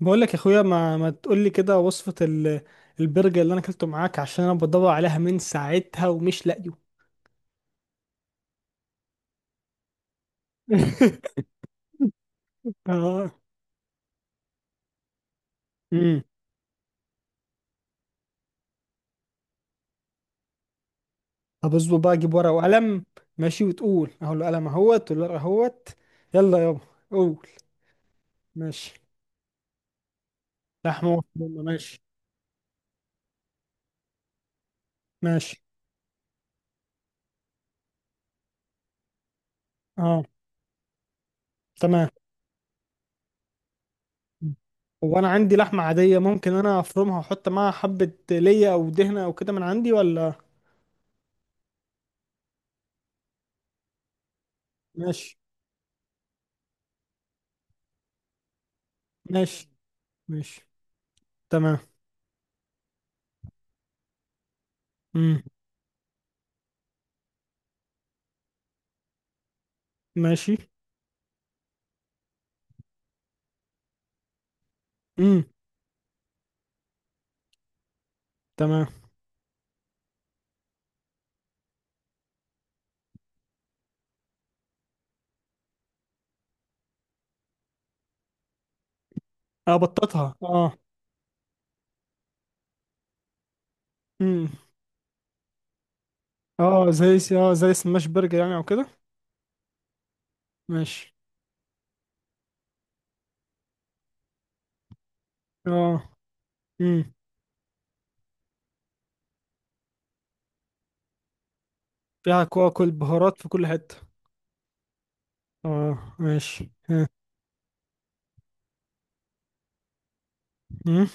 بقول لك يا اخويا، ما تقول لي كده وصفة البرجر اللي انا اكلته معاك عشان انا بدور عليها من ساعتها ومش لاقيه. اه. امم طب اصبر بقى اجيب ورقة وقلم. ماشي، وتقول اهو القلم اهوت والورقة اهوت. يلا يابا. قول. ماشي. لحمة مفرومة، ماشي. ماشي. اه. تمام. هو انا عندي لحمة عادية، ممكن انا افرمها واحط معاها حبة ليا او دهنة او كده من عندي، ولا؟ ماشي. ماشي. ماشي. تمام. امم. ماشي. امم. تمام. اه، بطاطها، اه. امم. اه زي سماش برجر يعني، او كده. ماشي. اه. امم. فيها كواكل بهارات في كل حتة. اه ماشي، ها. امم،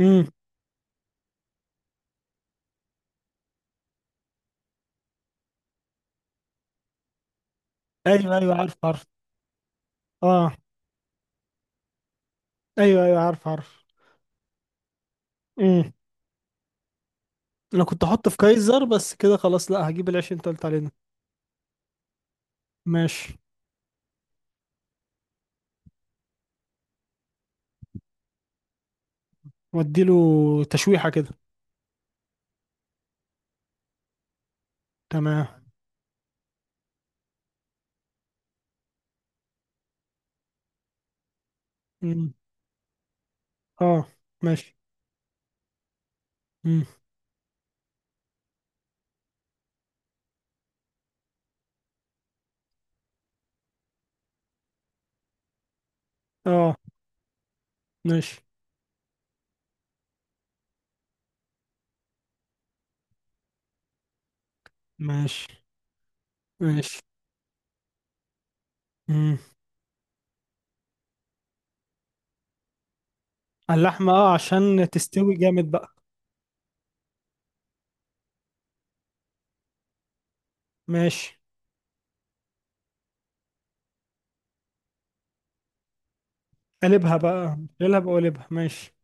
امم، ايوه ايوه، عارف عارف. اه، ايوه ايوه، عارف عارف. امم. انا كنت احطه في كايزر، بس كده خلاص، لا هجيب العيش اللي انت قلت عليه ده. ماشي، واديله تشويحة كده. تمام. امم. اه. ماشي. امم. اه. ماشي. ماشي. ماشي. امم. اللحمة، اه، عشان تستوي جامد بقى. ماشي، قلبها بقى، بقلبها، ماشي.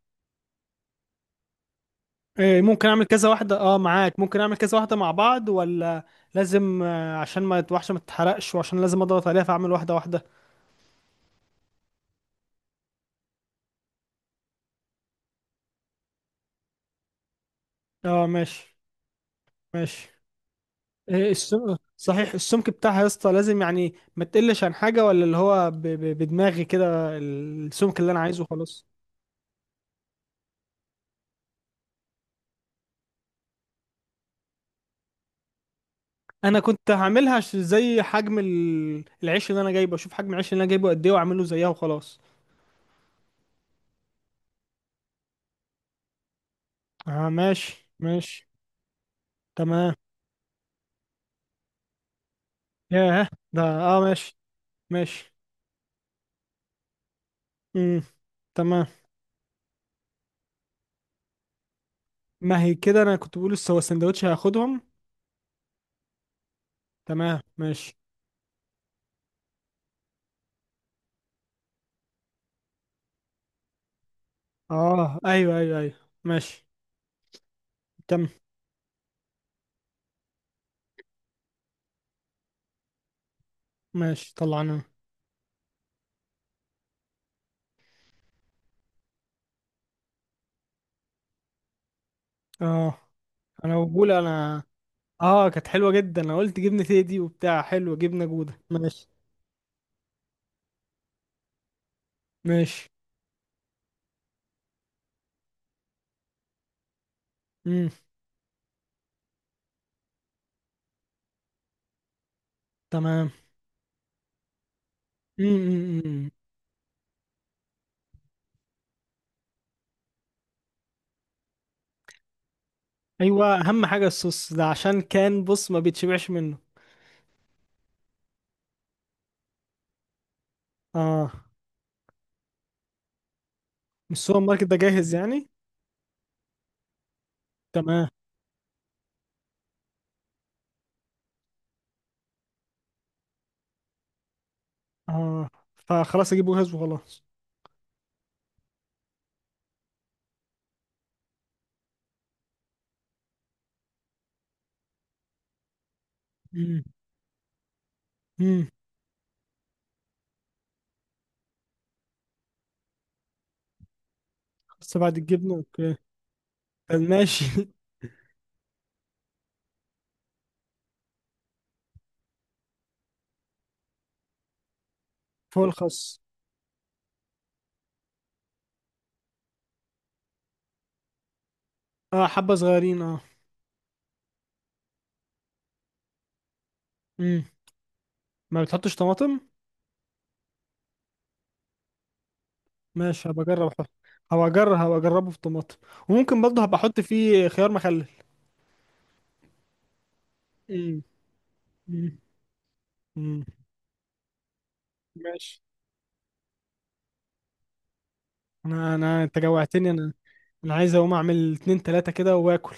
إيه، ممكن اعمل كذا واحدة، اه، معاك؟ ممكن اعمل كذا واحدة مع بعض، ولا لازم عشان ما الوحشة ما تتحرقش وعشان لازم اضغط عليها فاعمل واحدة واحدة؟ اه ماشي. ماشي. إيه صحيح السمك بتاعها يا اسطى؟ لازم يعني ما تقلش عن حاجة، ولا اللي هو بدماغي كده السمك اللي انا عايزه خلاص؟ انا كنت هعملها زي حجم العيش اللي انا جايبه، اشوف حجم العيش اللي انا جايبه قد ايه واعمله زيها وخلاص. اه ماشي. ماشي. تمام. ياه، ده، اه، ماشي. ماشي. امم. تمام. ما هي كده، انا كنت بقول هو السندوتش هياخدهم. تمام ماشي. اه، ايوه ايوه ايوه. ماشي. كم. ماشي طلعنا. اه. انا بقول انا. اه، كانت حلوه جدا، انا قلت جبنه تيدي وبتاع حلوه، جبنه جوده، ماشي. ماشي. امم. تمام. امم. ايوه، اهم حاجه الصوص ده عشان كان، بص، ما بيتشبعش منه. اه. مش السوبر ماركت ده جاهز يعني؟ تمام. اه، فخلاص اجيبه جاهز وخلاص. امم. بس بعد الجبنة؟ اوكي، طب ماشي. فوق الخس. اه، حبة صغيرين، اه. امم. ما بتحطش طماطم؟ ماشي، هبقى اجرب احط. هبقى اجربه في طماطم. وممكن برضه هبقى احط فيه خيار مخلل. امم. امم. امم. ماشي. انا انت جوعتني انا. انا عايز اقوم اعمل اتنين تلاتة كده واكل.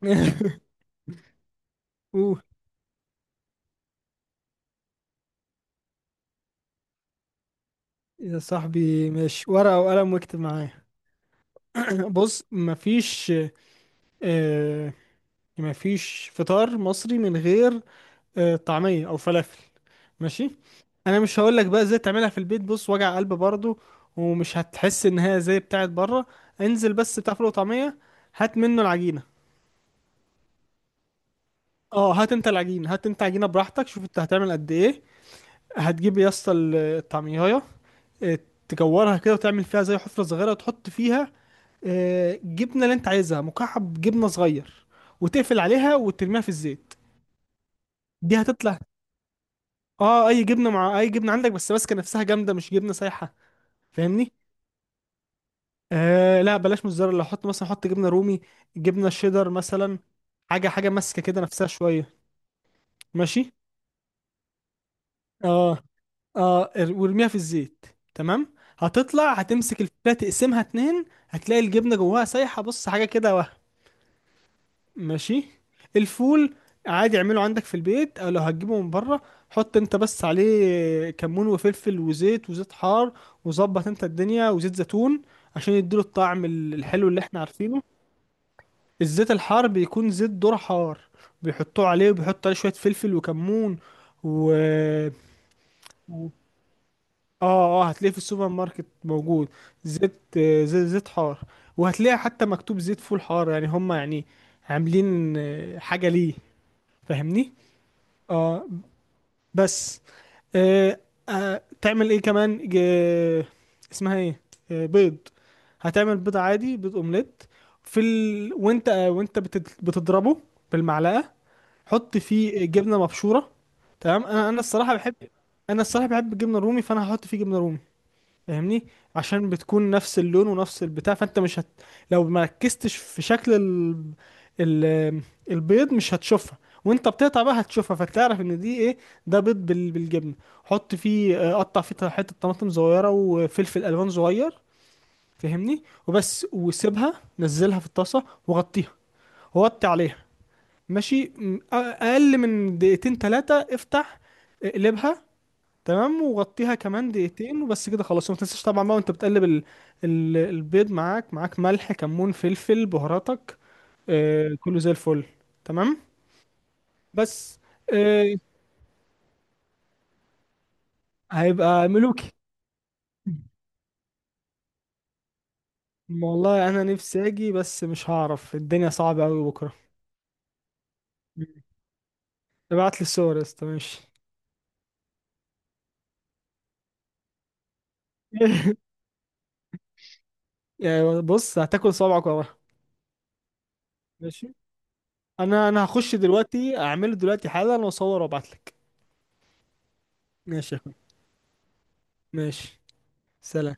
اوه، يا صاحبي ماشي، ورقة وقلم، واكتب معايا. بص، مفيش، آه، مفيش فطار مصري من غير طعمية او فلافل. ماشي. انا مش هقولك بقى ازاي تعملها في البيت، بص، وجع قلب برضو، ومش هتحس ان هي زي بتاعت بره. انزل بس بتاع فول وطعمية، هات منه العجينة. اه، هات انت عجينة، براحتك، شوف انت هتعمل قد ايه. هتجيب يا اسطى الطعمية، آه، تكورها كده وتعمل فيها زي حفرة صغيرة وتحط فيها جبنة اللي انت عايزها، مكعب جبنة صغير، وتقفل عليها وترميها في الزيت. دي هتطلع. اه، اي جبنة، مع اي جبنة عندك، بس ماسكة نفسها جامدة، مش جبنة سايحة. فاهمني؟ آه لا، بلاش موتزاريلا، حط مثلا، حط جبنه رومي، جبنه شيدر مثلا. حاجه حاجه ماسكه كده نفسها شويه. ماشي. اه، اه، وارميها في الزيت. تمام، هتطلع، هتمسك الفتة تقسمها اتنين، هتلاقي الجبنة جواها سايحة، بص حاجة كده وهم. ماشي. الفول، عادي اعمله عندك في البيت، او لو هتجيبه من بره، حط انت بس عليه كمون وفلفل وزيت، وزيت حار، وظبط انت الدنيا، وزيت زيتون، عشان يديله الطعم الحلو اللي احنا عارفينه. الزيت الحار بيكون زيت ذرة حار، بيحطوه عليه، وبيحطوا عليه شوية فلفل وكمون و... اه، اه، هتلاقيه في السوبر ماركت موجود. زيت حار. وهتلاقي حتى مكتوب زيت فول حار، يعني هم يعني عاملين حاجة ليه. فاهمني اه. بس. آه. آه، تعمل ايه كمان، اسمها ايه، آه، بيض؟ هتعمل بيض عادي، بيض اومليت، وانت وانت بتضربه بالمعلقة، حط فيه جبنه مبشوره. تمام. انا الصراحه بحب، انا الصراحه بحب الجبنه الرومي، فانا هحط فيه جبنه رومي. فاهمني؟ عشان بتكون نفس اللون ونفس البتاع، فانت مش هت... لو ما ركزتش في شكل ال... البيض، مش هتشوفها، وانت بتقطع بقى هتشوفها فتعرف ان دي ايه، ده بيض بالجبنه. حط فيه آه، قطع فيه حته طماطم صغيره وفلفل الوان صغير. فاهمني؟ وبس، وسيبها نزلها في الطاسه وغطيها، وغطي عليها ماشي، اقل من دقيقتين ثلاثه افتح، اقلبها. تمام، وغطيها كمان دقيقتين وبس كده خلاص. وما تنساش طبعا بقى وانت بتقلب البيض، معاك ملح كمون فلفل بهاراتك، آه، كله زي الفل. تمام. بس. آه. هيبقى ملوكي. والله انا نفسي اجي، بس مش هعرف، الدنيا صعبه قوي بكره. ابعت لي الصور يا اسطى، ماشي. يعني بص، هتاكل صبعك وراها. ماشي، انا هخش دلوقتي اعمله دلوقتي حالا واصور وابعتلك. ماشي يا اخويا. ماشي، سلام.